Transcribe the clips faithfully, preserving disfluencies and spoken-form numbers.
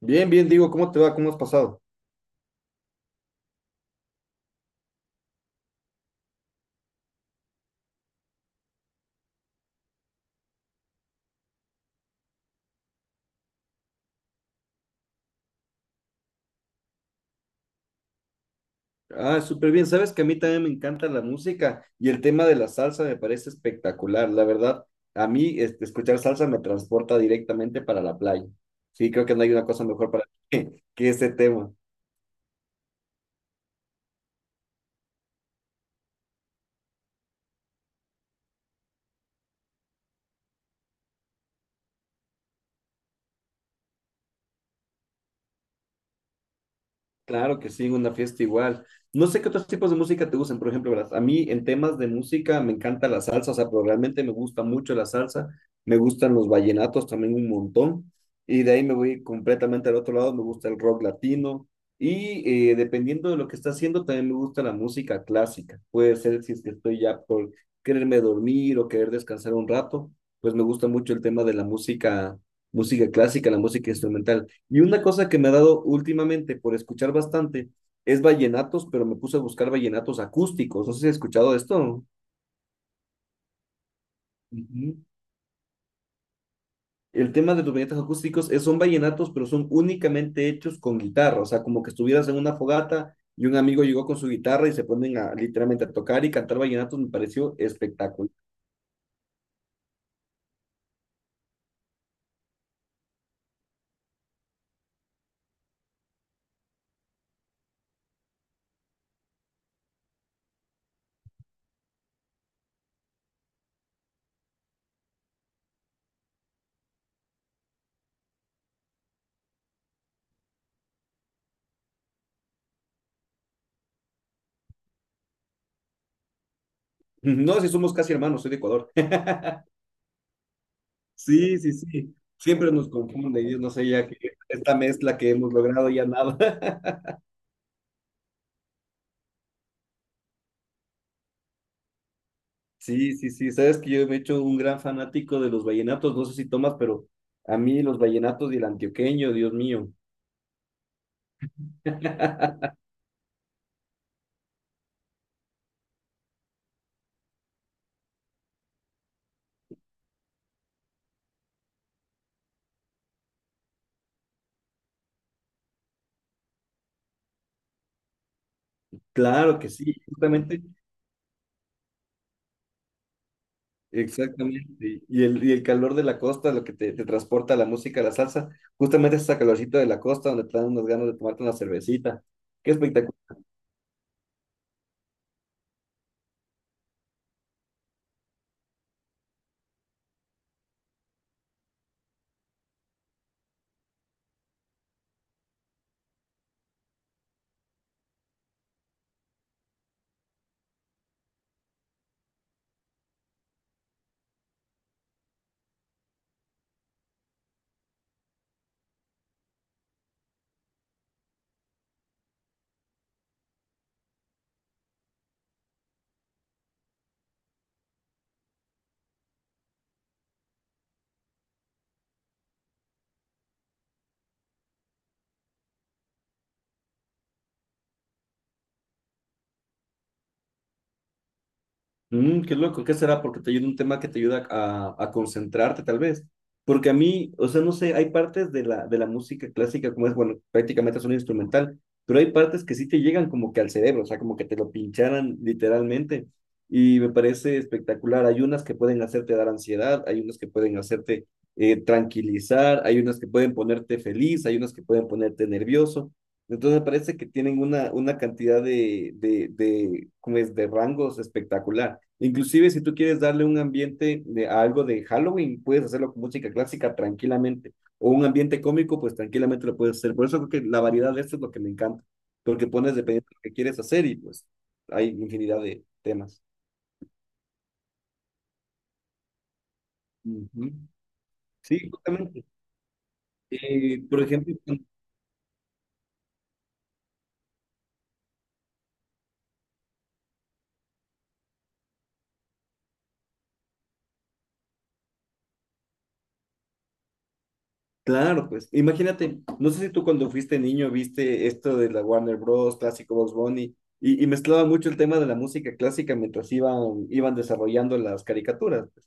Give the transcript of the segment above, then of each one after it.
Bien, bien, digo, ¿cómo te va? ¿Cómo has pasado? Ah, súper bien. Sabes que a mí también me encanta la música y el tema de la salsa me parece espectacular. La verdad, a mí este, escuchar salsa me transporta directamente para la playa. Sí, creo que no hay una cosa mejor para mí que ese tema. Claro que sí, una fiesta igual. No sé qué otros tipos de música te gustan, por ejemplo, ¿verdad? A mí en temas de música me encanta la salsa, o sea, pero realmente me gusta mucho la salsa, me gustan los vallenatos también un montón, y de ahí me voy completamente al otro lado, me gusta el rock latino, y eh, dependiendo de lo que está haciendo, también me gusta la música clásica. Puede ser si es que estoy ya por quererme dormir o querer descansar un rato, pues me gusta mucho el tema de la música, música clásica, la música instrumental. Y una cosa que me ha dado últimamente por escuchar bastante es vallenatos, pero me puse a buscar vallenatos acústicos. No sé si has escuchado de esto. Ujú. El tema de los vallenatos acústicos es, son vallenatos, pero son únicamente hechos con guitarra. O sea, como que estuvieras en una fogata y un amigo llegó con su guitarra y se ponen a, literalmente a tocar y cantar vallenatos. Me pareció espectacular. No, si somos casi hermanos, soy de Ecuador. Sí, sí, sí. Siempre nos confunde, y yo no sé ya que esta mezcla que hemos logrado ya nada. Sí, sí, sí. Sabes que yo me he hecho un gran fanático de los vallenatos. No sé si tomas, pero a mí los vallenatos y el antioqueño, Dios mío. Claro que sí, justamente, exactamente. Y el, y el calor de la costa, lo que te, te transporta la música, la salsa, justamente es esa calorcita de la costa donde te dan unas ganas de tomarte una cervecita. Qué espectacular. Mm, qué loco, ¿qué será? Porque te ayuda un tema que te ayuda a, a concentrarte, tal vez. Porque a mí, o sea, no sé, hay partes de la, de la música clásica, como es, bueno, prácticamente es un instrumental, pero hay partes que sí te llegan como que al cerebro, o sea, como que te lo pincharan literalmente. Y me parece espectacular. Hay unas que pueden hacerte dar ansiedad, hay unas que pueden hacerte eh, tranquilizar, hay unas que pueden ponerte feliz, hay unas que pueden ponerte nervioso. Entonces me parece que tienen una, una cantidad de, de, de, ¿cómo es? de rangos espectacular. Inclusive si tú quieres darle un ambiente de a algo de Halloween, puedes hacerlo con música clásica tranquilamente. O un ambiente cómico, pues tranquilamente lo puedes hacer. Por eso creo que la variedad de esto es lo que me encanta, porque pones dependiendo de lo que quieres hacer y pues hay infinidad de temas. Ujú. Sí, justamente. Eh, por ejemplo, bueno, claro, pues imagínate, no sé si tú cuando fuiste niño viste esto de la Warner Bros. Clásico Box Bunny y, y mezclaba mucho el tema de la música clásica mientras iban, iban desarrollando las caricaturas. Pues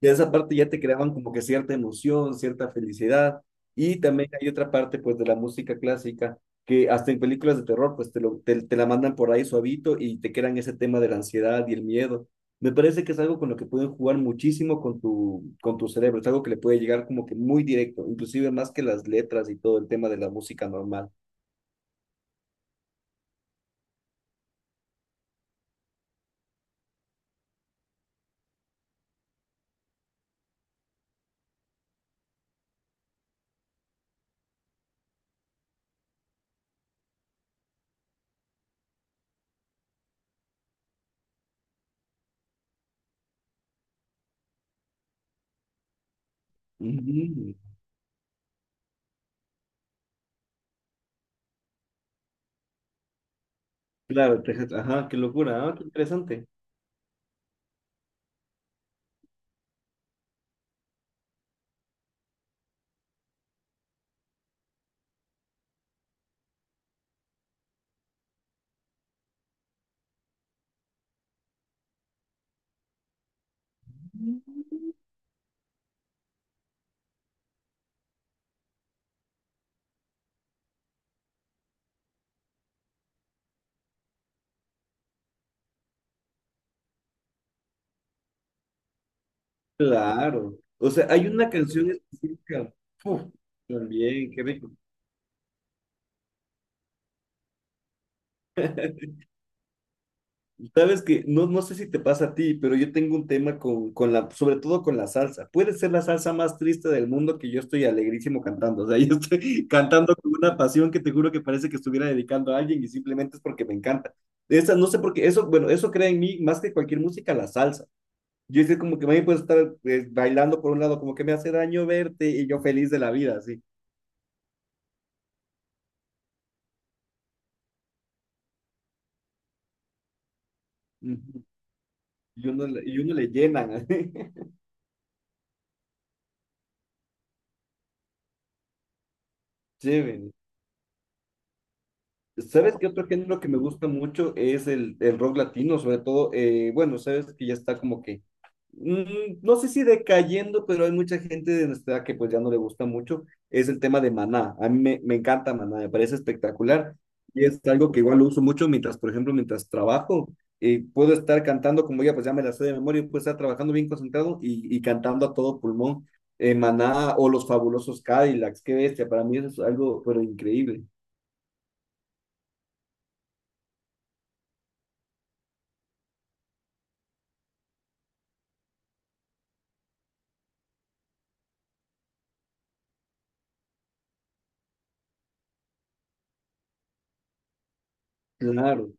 ya esa parte ya te creaban como que cierta emoción, cierta felicidad. Y también hay otra parte pues de la música clásica que hasta en películas de terror pues te, lo, te, te la mandan por ahí suavito y te crean ese tema de la ansiedad y el miedo. Me parece que es algo con lo que pueden jugar muchísimo con tu, con tu cerebro, es algo que le puede llegar como que muy directo, inclusive más que las letras y todo el tema de la música normal. Ujú. Claro, te- ajá, qué locura, ah, qué interesante. Claro. O sea, hay una canción específica. Uf, también, qué rico. Sabes que no, no sé si te pasa a ti, pero yo tengo un tema con, con la, sobre todo con la salsa. Puede ser la salsa más triste del mundo que yo estoy alegrísimo cantando. O sea, yo estoy cantando con una pasión que te juro que parece que estuviera dedicando a alguien y simplemente es porque me encanta. Esa, no sé por qué, eso, bueno, eso crea en mí más que cualquier música, la salsa. Yo es que como que me puedo estar eh, bailando por un lado, como que me hace daño verte y yo feliz de la vida, así. Ujú. Y uno, le- y uno le llenan. Chévere. ¿Sabes qué otro género que me gusta mucho es el, el rock latino, sobre todo, eh, bueno, sabes que ya está como que, mm, no sé si decayendo, pero hay mucha gente de nuestra edad que pues ya no le gusta mucho, es el tema de Maná. A mí me, me encanta Maná, me parece espectacular y es algo que igual lo uso mucho mientras, por ejemplo, mientras trabajo, eh, puedo estar cantando como ya pues ya me la sé de memoria, puedo estar trabajando bien concentrado y, y cantando a todo pulmón. eh, Maná o los fabulosos Cadillacs, qué bestia, para mí eso es algo pero increíble. Claro.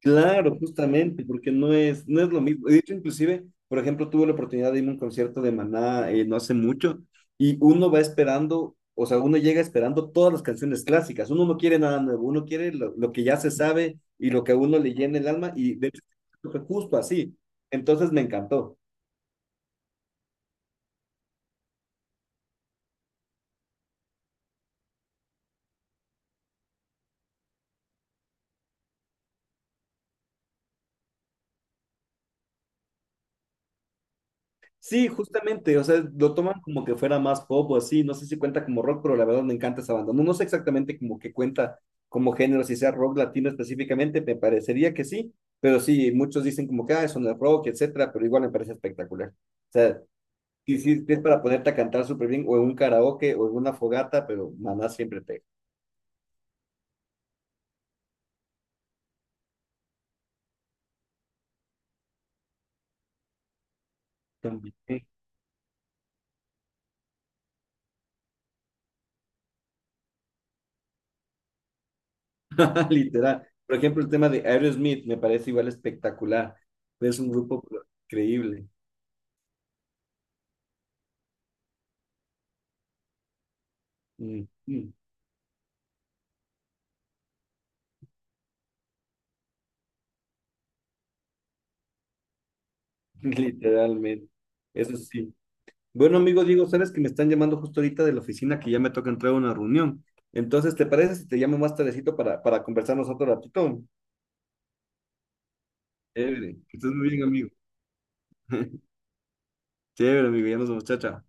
Claro, justamente, porque no es, no es lo mismo. De hecho, inclusive, por ejemplo, tuve la oportunidad de irme a un concierto de Maná eh, no hace mucho y uno va esperando, o sea, uno llega esperando todas las canciones clásicas. Uno no quiere nada nuevo, uno quiere lo, lo que ya se sabe y lo que a uno le llena el alma y de hecho fue justo así. Entonces me encantó. Sí, justamente, o sea, lo toman como que fuera más pop o así, no sé si cuenta como rock, pero la verdad me encanta esa banda. No, no sé exactamente como que cuenta como género, si sea rock latino específicamente, me parecería que sí, pero sí, muchos dicen como que, ah, eso no es rock, etcétera, pero igual me parece espectacular. O sea, y si es para ponerte a cantar súper bien, o en un karaoke, o en una fogata, pero maná siempre te... También. Literal. Por ejemplo, el tema de Aerosmith me parece igual espectacular, es un grupo increíble. Mm, mm. Literalmente, eso sí. Bueno, amigo Diego, sabes que me están llamando justo ahorita de la oficina que ya me toca entrar a una reunión. Entonces, ¿te parece si te llamo más tardecito para, para conversarnos otro ratito? Chévere, que estés muy bien, amigo. Chévere, amigo, ya nos vemos, chao, chao.